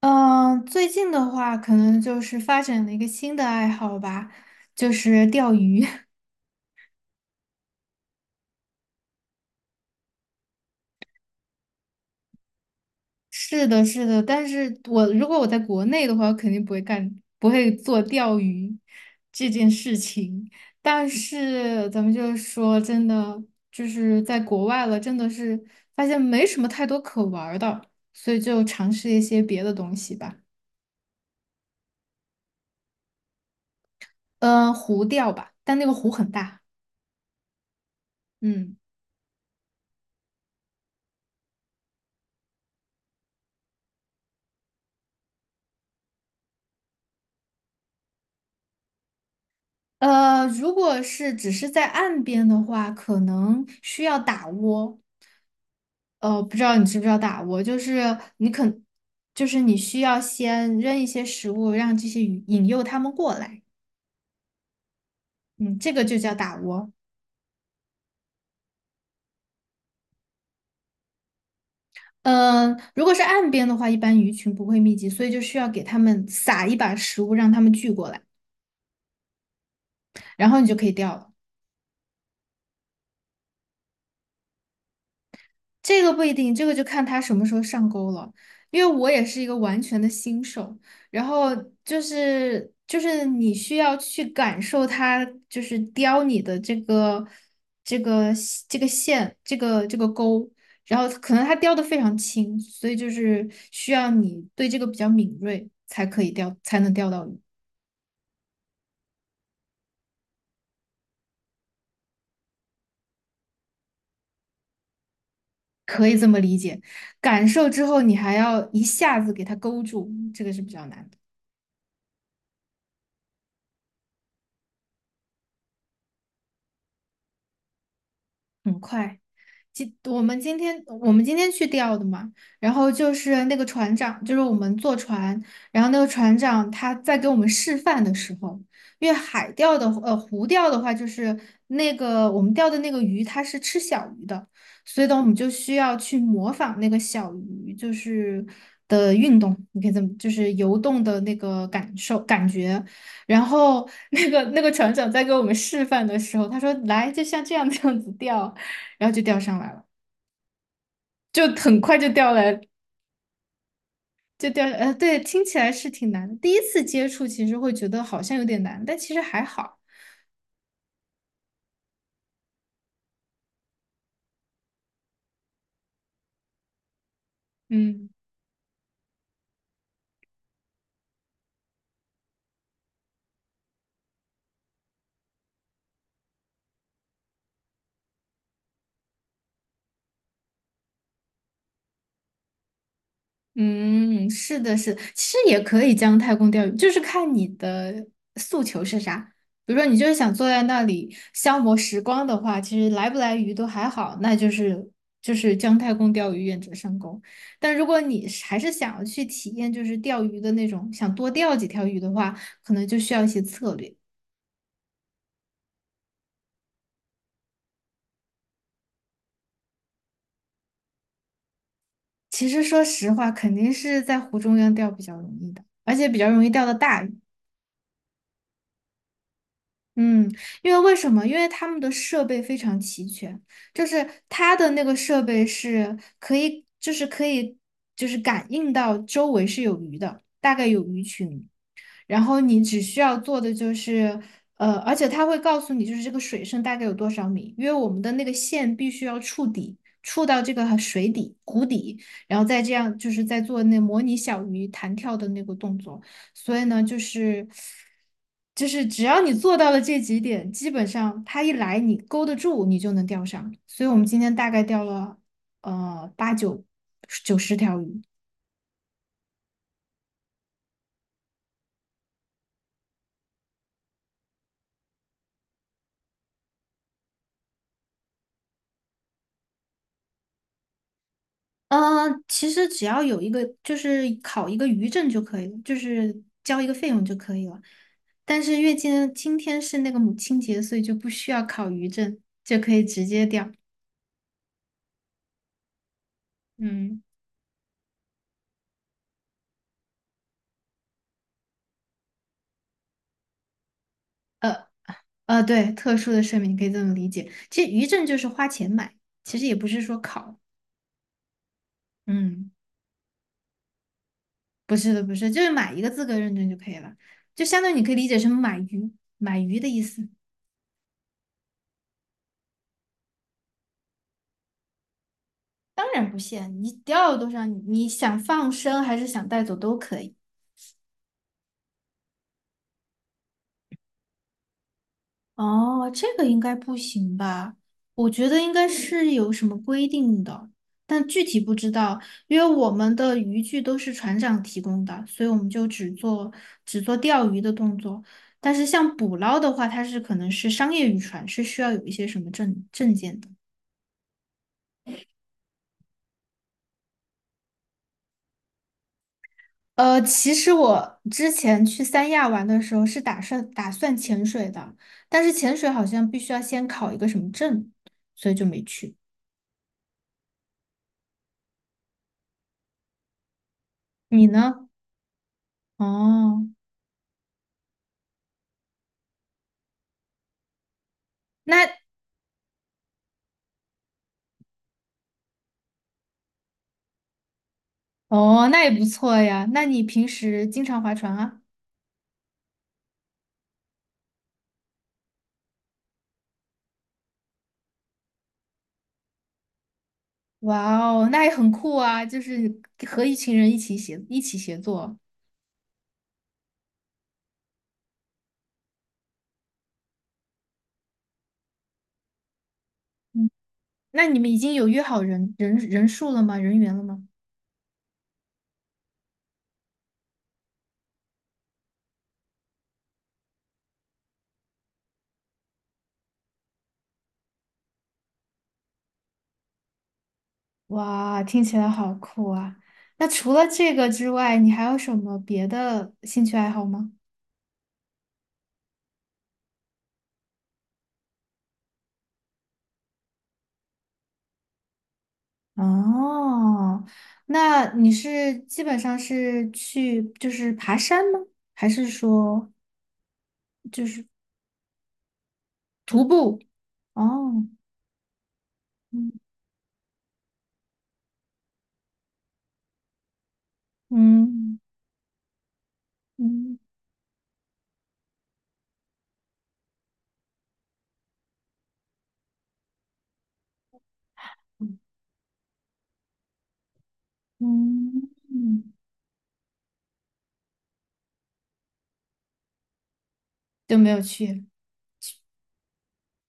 嗯，最近的话，可能就是发展了一个新的爱好吧，就是钓鱼。是的，是的，但是如果我在国内的话，我肯定不会干，不会做钓鱼这件事情。但是咱们就是说，真的就是在国外了，真的是发现没什么太多可玩儿的，所以就尝试一些别的东西吧。嗯，湖钓吧，但那个湖很大。嗯。如果是只是在岸边的话，可能需要打窝。不知道你知不知道打窝，就是你肯，就是你需要先扔一些食物，让这些鱼引诱它们过来。嗯，这个就叫打窝。如果是岸边的话，一般鱼群不会密集，所以就需要给它们撒一把食物，让它们聚过来，然后你就可以钓了。这个不一定，这个就看他什么时候上钩了。因为我也是一个完全的新手，然后就是你需要去感受它，就是叼你的这个这个线，这个钩，然后可能它叼的非常轻，所以就是需要你对这个比较敏锐才可以钓，才能钓到鱼，可以这么理解。感受之后，你还要一下子给它勾住，这个是比较难的，很快。今我们今天我们今天去钓的嘛，然后就是那个船长，就是我们坐船，然后那个船长他在给我们示范的时候，因为海钓的呃湖钓的话，就是那个我们钓的那个鱼它是吃小鱼的，所以呢我们就需要去模仿那个小鱼就是的运动，你可以这么就是游动的那个感受感觉，然后那个船长在给我们示范的时候，他说来就像这样子钓。然后就钓上来了，就很快就钓来，就钓，对，听起来是挺难的。第一次接触其实会觉得好像有点难，但其实还好。嗯嗯，是的，是的其实也可以将太公钓鱼，就是看你的诉求是啥。比如说你就是想坐在那里消磨时光的话，其实来不来鱼都还好，那就是就是姜太公钓鱼，愿者上钩。但如果你是还是想要去体验就是钓鱼的那种，想多钓几条鱼的话，可能就需要一些策略。其实说实话，肯定是在湖中央钓比较容易的，而且比较容易钓到大鱼。嗯，因为为什么？因为他们的设备非常齐全，就是它的那个设备是可以，就是可以，就是感应到周围是有鱼的，大概有鱼群。然后你只需要做的就是，而且它会告诉你，就是这个水深大概有多少米，因为我们的那个线必须要触底，触到这个水底、湖底，然后再这样就是在做那模拟小鱼弹跳的那个动作。所以呢，就是只要你做到了这几点，基本上它一来你勾得住，你就能钓上。所以我们今天大概钓了八九九十条鱼。嗯，其实只要有一个，就是考一个渔证就可以了，就是交一个费用就可以了。但是月经今天是那个母亲节，所以就不需要考渔证，就可以直接掉。嗯，呃对，特殊的税明可以这么理解。其实渔证就是花钱买，其实也不是说考。嗯，不是的，不是，就是买一个资格认证就可以了，就相当于你可以理解成买鱼，买鱼的意思。当然不限，你钓了多少，你想放生还是想带走都可以。哦，这个应该不行吧？我觉得应该是有什么规定的，但具体不知道，因为我们的渔具都是船长提供的，所以我们就只做只做钓鱼的动作。但是像捕捞的话，它是可能是商业渔船，是需要有一些什么证件的。其实我之前去三亚玩的时候是打算潜水的，但是潜水好像必须要先考一个什么证，所以就没去。你呢？哦，那哦，那也不错呀。那你平时经常划船啊？哇哦，那也很酷啊！就是和一群人一起协一起协作。嗯，那你们已经有约好人员了吗？哇，听起来好酷啊！那除了这个之外，你还有什么别的兴趣爱好吗？哦，那你是基本上是去就是爬山吗？还是说徒步？哦，嗯嗯嗯。嗯，就没有去。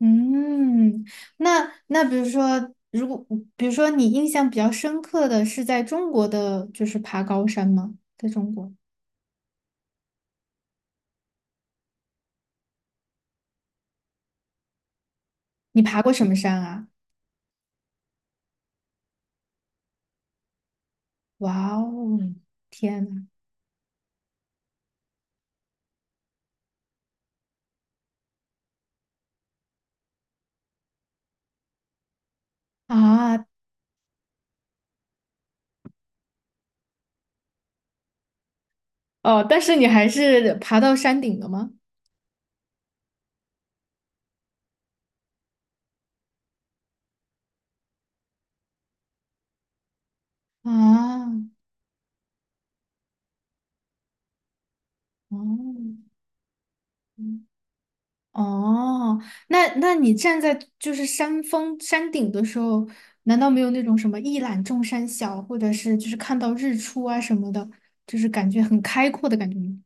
嗯，那那比如说，比如说你印象比较深刻的是在中国的，就是爬高山吗？在中国，你爬过什么山啊？哇哦，天呐！啊，哦，但是你还是爬到山顶了吗？啊，哦。哦，那那你站在就是山峰山顶的时候，难道没有那种什么一览众山小，或者是就是看到日出啊什么的，就是感觉很开阔的感觉吗？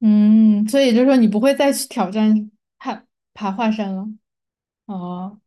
嗯，所以就是说你不会再去挑战爬爬华山了。哦，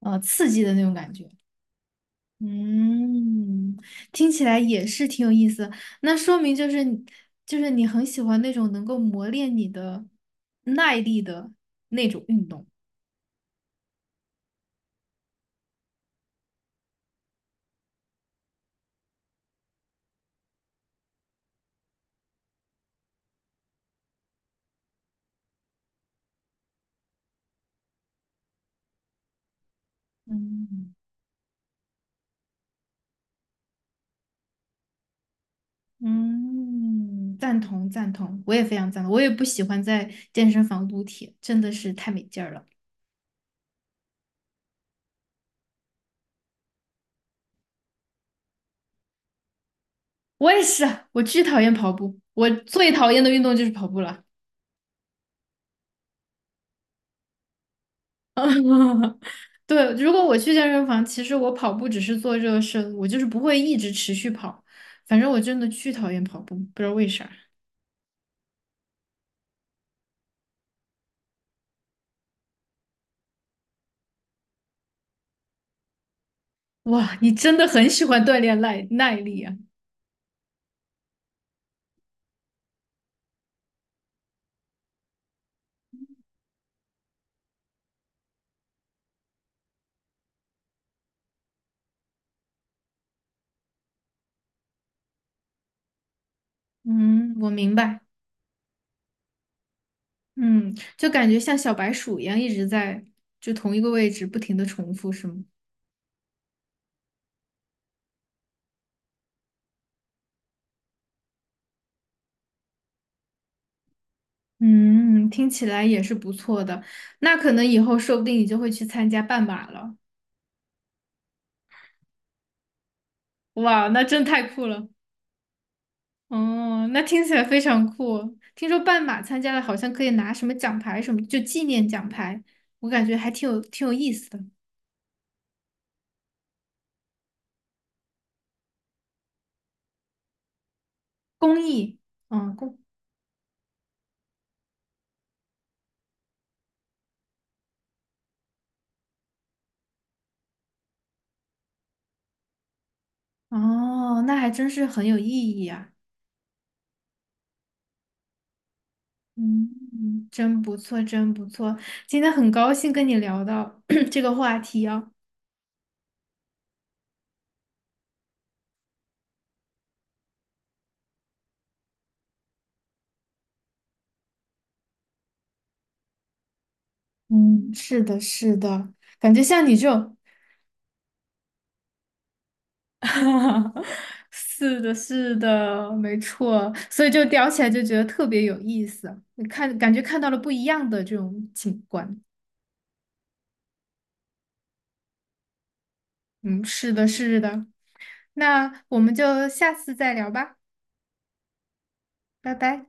刺激的那种感觉。嗯，听起来也是挺有意思。那说明就是你就是你很喜欢那种能够磨练你的耐力的那种运动。嗯。嗯，赞同，我也非常赞同。我也不喜欢在健身房撸铁，真的是太没劲儿了。我也是啊，我巨讨厌跑步，我最讨厌的运动就是跑步了。对，如果我去健身房，其实我跑步只是做热身，我就是不会一直持续跑。反正我真的巨讨厌跑步，不知道为啥。哇，你真的很喜欢锻炼耐力啊！嗯，我明白。嗯，就感觉像小白鼠一样一直在就同一个位置不停的重复，是吗？嗯，听起来也是不错的。那可能以后说不定你就会去参加半马了。哇，那真太酷了！哦，那听起来非常酷。听说半马参加了，好像可以拿什么奖牌什么，就纪念奖牌。我感觉还挺有意思的。公益，嗯，公，哦，那还真是很有意义啊。嗯，嗯真不错，真不错。今天很高兴跟你聊到 这个话题啊。嗯，是的，是的，感觉像你这种。是的，是的，没错，所以就聊起来就觉得特别有意思，你看，感觉看到了不一样的这种景观。嗯，是的，是的，那我们就下次再聊吧，拜拜。